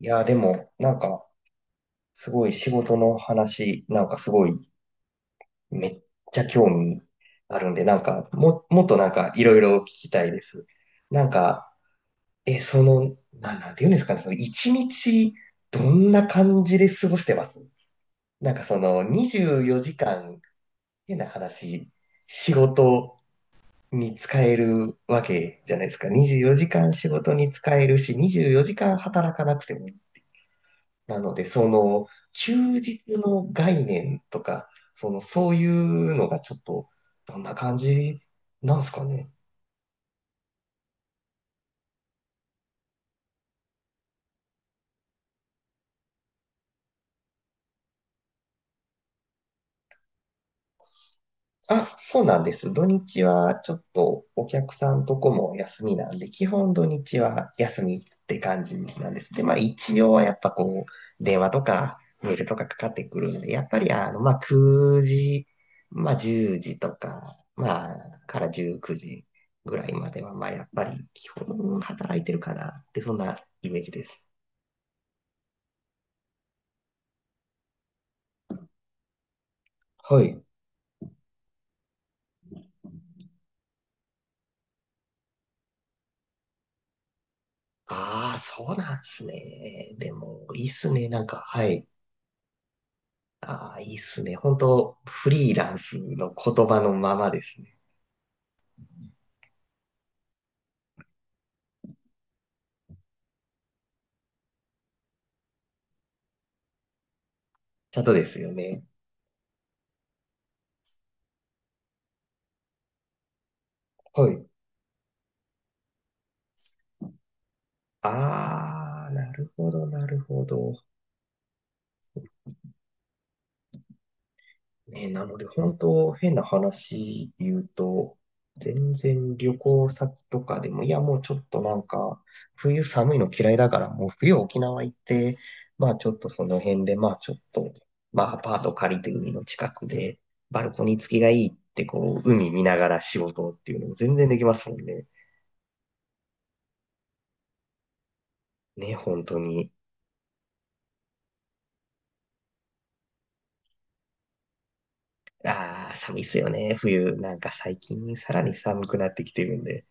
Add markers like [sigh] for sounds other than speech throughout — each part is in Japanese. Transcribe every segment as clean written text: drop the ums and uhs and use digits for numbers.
いやー、でも、なんか、すごい仕事の話、なんかすごい、めっちゃ興味あるんで、もっといろいろ聞きたいです。なんか、なんて言うんですかね、その、一日、どんな感じで過ごしてます？24時間、変な話、仕事に使えるわけじゃないですか。24時間仕事に使えるし、24時間働かなくてもなので、その、休日の概念とか、その、そういうのがちょっと、どんな感じなんすかね。あ、そうなんです。土日はちょっとお客さんとこも休みなんで、基本土日は休みって感じなんです。で、まあ一応はやっぱこう、電話とかメールとかかかってくるんで、やっぱりあの、まあ9時、まあ10時とか、まあから19時ぐらいまでは、まあやっぱり基本働いてるかなって、そんなイメージです。はい。ああ、そうなんですね。でも、いいっすね。なんか、はい。ああ、いいっすね。本当フリーランスの言葉のままですね。ただですよね。はい。ああ、なるほど、なるほど。ね、なので、本当変な話言うと、全然旅行先とかでも、いや、もうちょっとなんか、冬寒いの嫌いだから、もう冬沖縄行って、まあちょっとその辺で、まあちょっと、まあアパート借りて海の近くで、バルコニー付きがいいって、こう、海見ながら仕事っていうのも全然できますもんね。ね、本当に。ああ、寒いっすよね、冬。なんか最近さらに寒くなってきてるんで。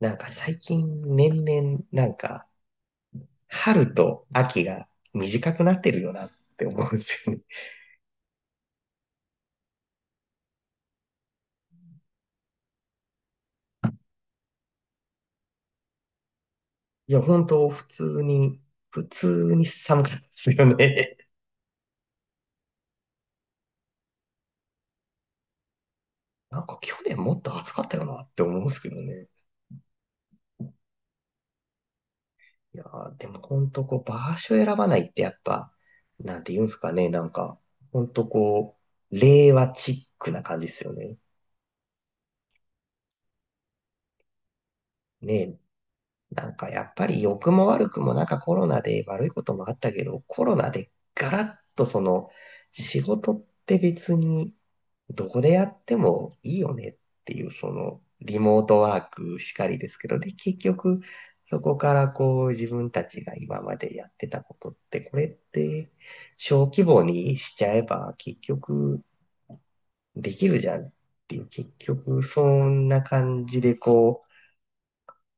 なんか最近年々なんか春と秋が短くなってるよなって思うんですよね。いや、本当普通に、普通に寒かったですよね。なんか去年もっと暑かったよなって思うんですけどね。いやー、でも本当こう場所選ばないってやっぱ、なんて言うんですかね、なんか、本当こう、令和チックな感じですよね。ねえ、なんかやっぱり良くも悪くもなんかコロナで悪いこともあったけど、コロナでガラッとその仕事って別にどこでやってもいいよねっていうそのリモートワークしかりですけど、で結局そこからこう自分たちが今までやってたことってこれって小規模にしちゃえば結局できるじゃんっていう結局そんな感じでこう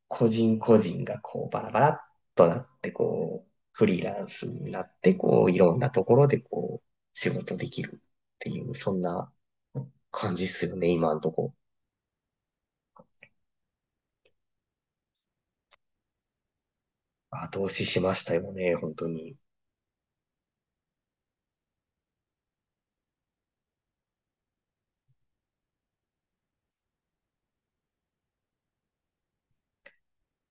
個人個人がこうバラバラっとなってこう、フリーランスになってこう、いろんなところでこう、仕事できるっていう、そんな感じっすよね、今んとこ。後押ししましたよね、本当に。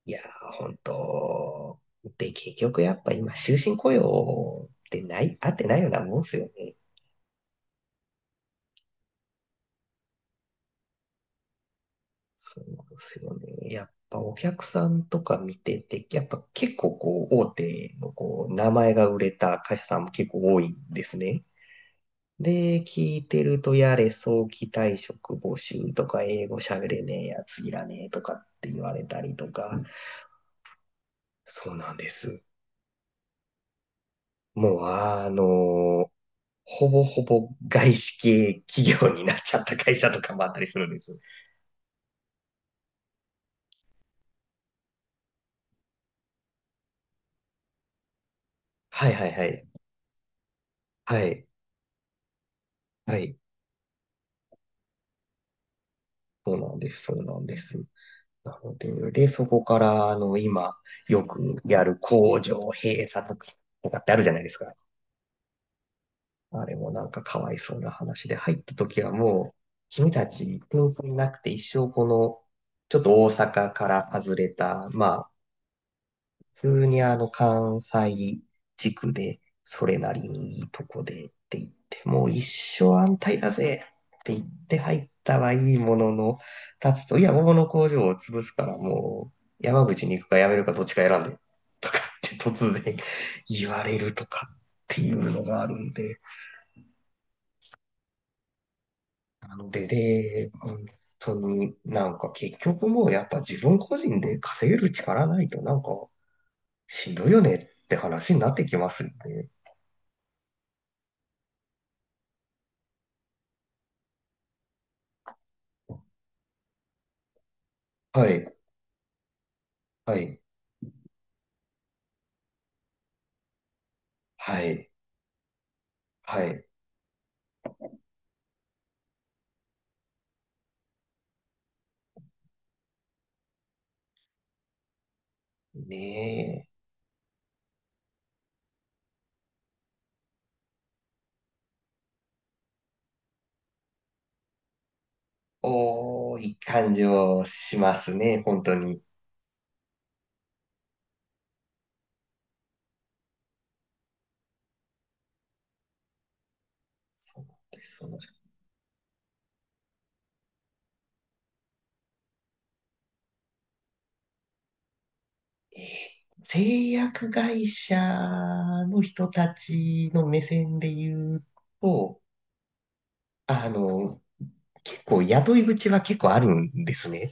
いやー、本当。で、結局やっぱ今、終身雇用ってない、合ってないようなもんっすよね。そうですよね。やっぱお客さんとか見てて、やっぱ結構こう、大手のこう、名前が売れた会社さんも結構多いんですね。で、聞いてると、やれ、早期退職募集とか、英語喋れねえやついらねえとかって言われたりとか、そうなんです。もう、あの、ほぼほぼ外資系企業になっちゃった会社とかもあったりするんです。はいはいはい。はい。はい。そうなんです。そうなんです。なので、で、そこから、あの、今、よくやる工場閉鎖とかとかってあるじゃないですか。あれもなんかかわいそうな話で、入った時はもう、君たち天才なくて一生この、ちょっと大阪から外れた、まあ、普通にあの関西地区で、それなりにいいとこでって言って、もう一生安泰だぜって言って入ったはいいものの、立つと、いや、桃の工場を潰すからもう、山口に行くか辞めるかどっちか選んで、とかって突然言われるとかっていうのがあるんで、なので、で、本当になんか結局もうやっぱ自分個人で稼げる力ないとなんかしんどいよねって話になってきますよね。はい、はい、はい、はい。ねえ。おー、いい感じをしますね、本当に。そうそうですえー製薬会社の人たちの目線で言うと、あの、結構雇い口は結構あるんですね。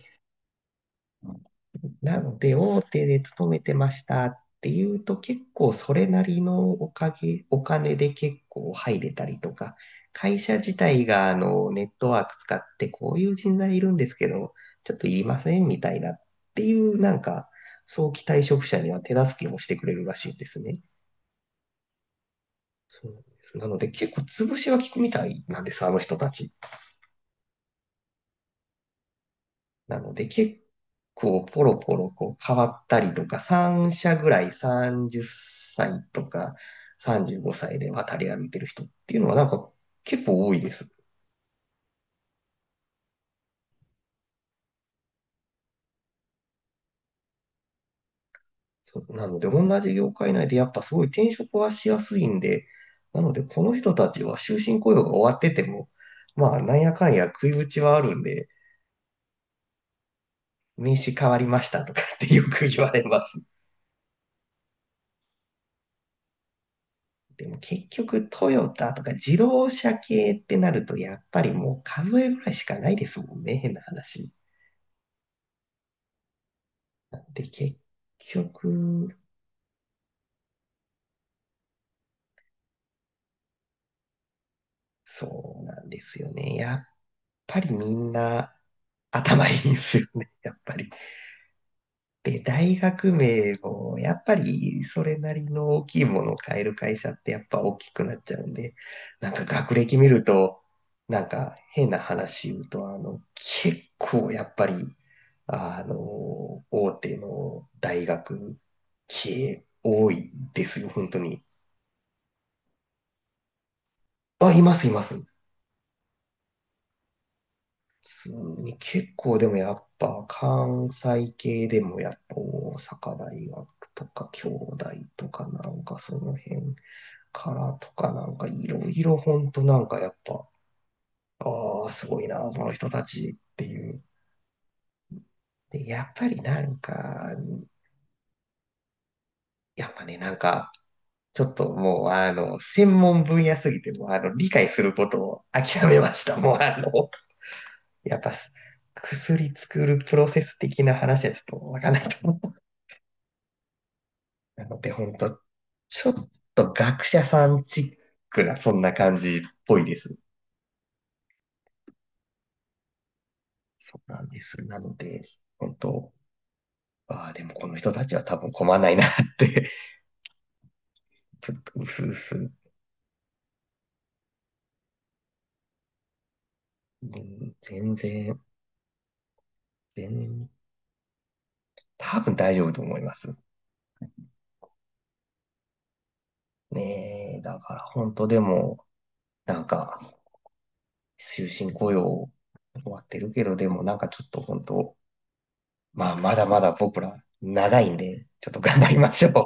なので、大手で勤めてましたっていうと、結構それなりのおかげ、お金で結構入れたりとか、会社自体があのネットワーク使ってこういう人材いるんですけど、ちょっといりませんみたいなっていうなんか、早期退職者には手助けもしてくれるらしいんですね。そうなんです。なので結構潰しは効くみたいなんです、あの人たち。なので結構ポロポロこう変わったりとか、3社ぐらい30歳とか35歳で渡り歩いてる人っていうのはなんか結構多いです。そうなので同じ業界内でやっぱすごい転職はしやすいんで、なのでこの人たちは終身雇用が終わってても、まあなんやかんや食いぶちはあるんで、名刺変わりましたとかってよく言われます。でも結局トヨタとか自動車系ってなるとやっぱりもう数えぐらいしかないですもんね、変な話。なんで結局、そうなんですよね。やっぱりみんな頭いいんですよね、やっぱり。で、大学名も、やっぱりそれなりの大きいものを買える会社ってやっぱ大きくなっちゃうんで、なんか学歴見ると、なんか変な話言うと、結構やっぱり、あの、大手の大学系多いですよ、本当に。あ、います、います。普通に結構でもやっぱ関西系でもやっぱ大阪大学とか京大とかなんかその辺からとかなんかいろいろほんとなんかやっぱ、ああ、すごいな、この人たちっていう。で、やっぱりなんか、やっぱね、なんか、ちょっともうあの、専門分野すぎて、もうあの、理解することを諦めました。もうあの、やっぱ薬作るプロセス的な話はちょっとわかんないと思う。なので、ほんと、ちょっと学者さんチックな、そんな感じっぽいです。そうなんです。なので、本当ああ、でもこの人たちは多分困らないなって [laughs] ちょっと薄々、うす全然、全多分大丈夫と思います。ねえ、だから本当でも、なんか、終身雇用終わってるけど、でもなんかちょっと本当、まあまだまだ僕ら長いんで、ちょっと頑張りましょう。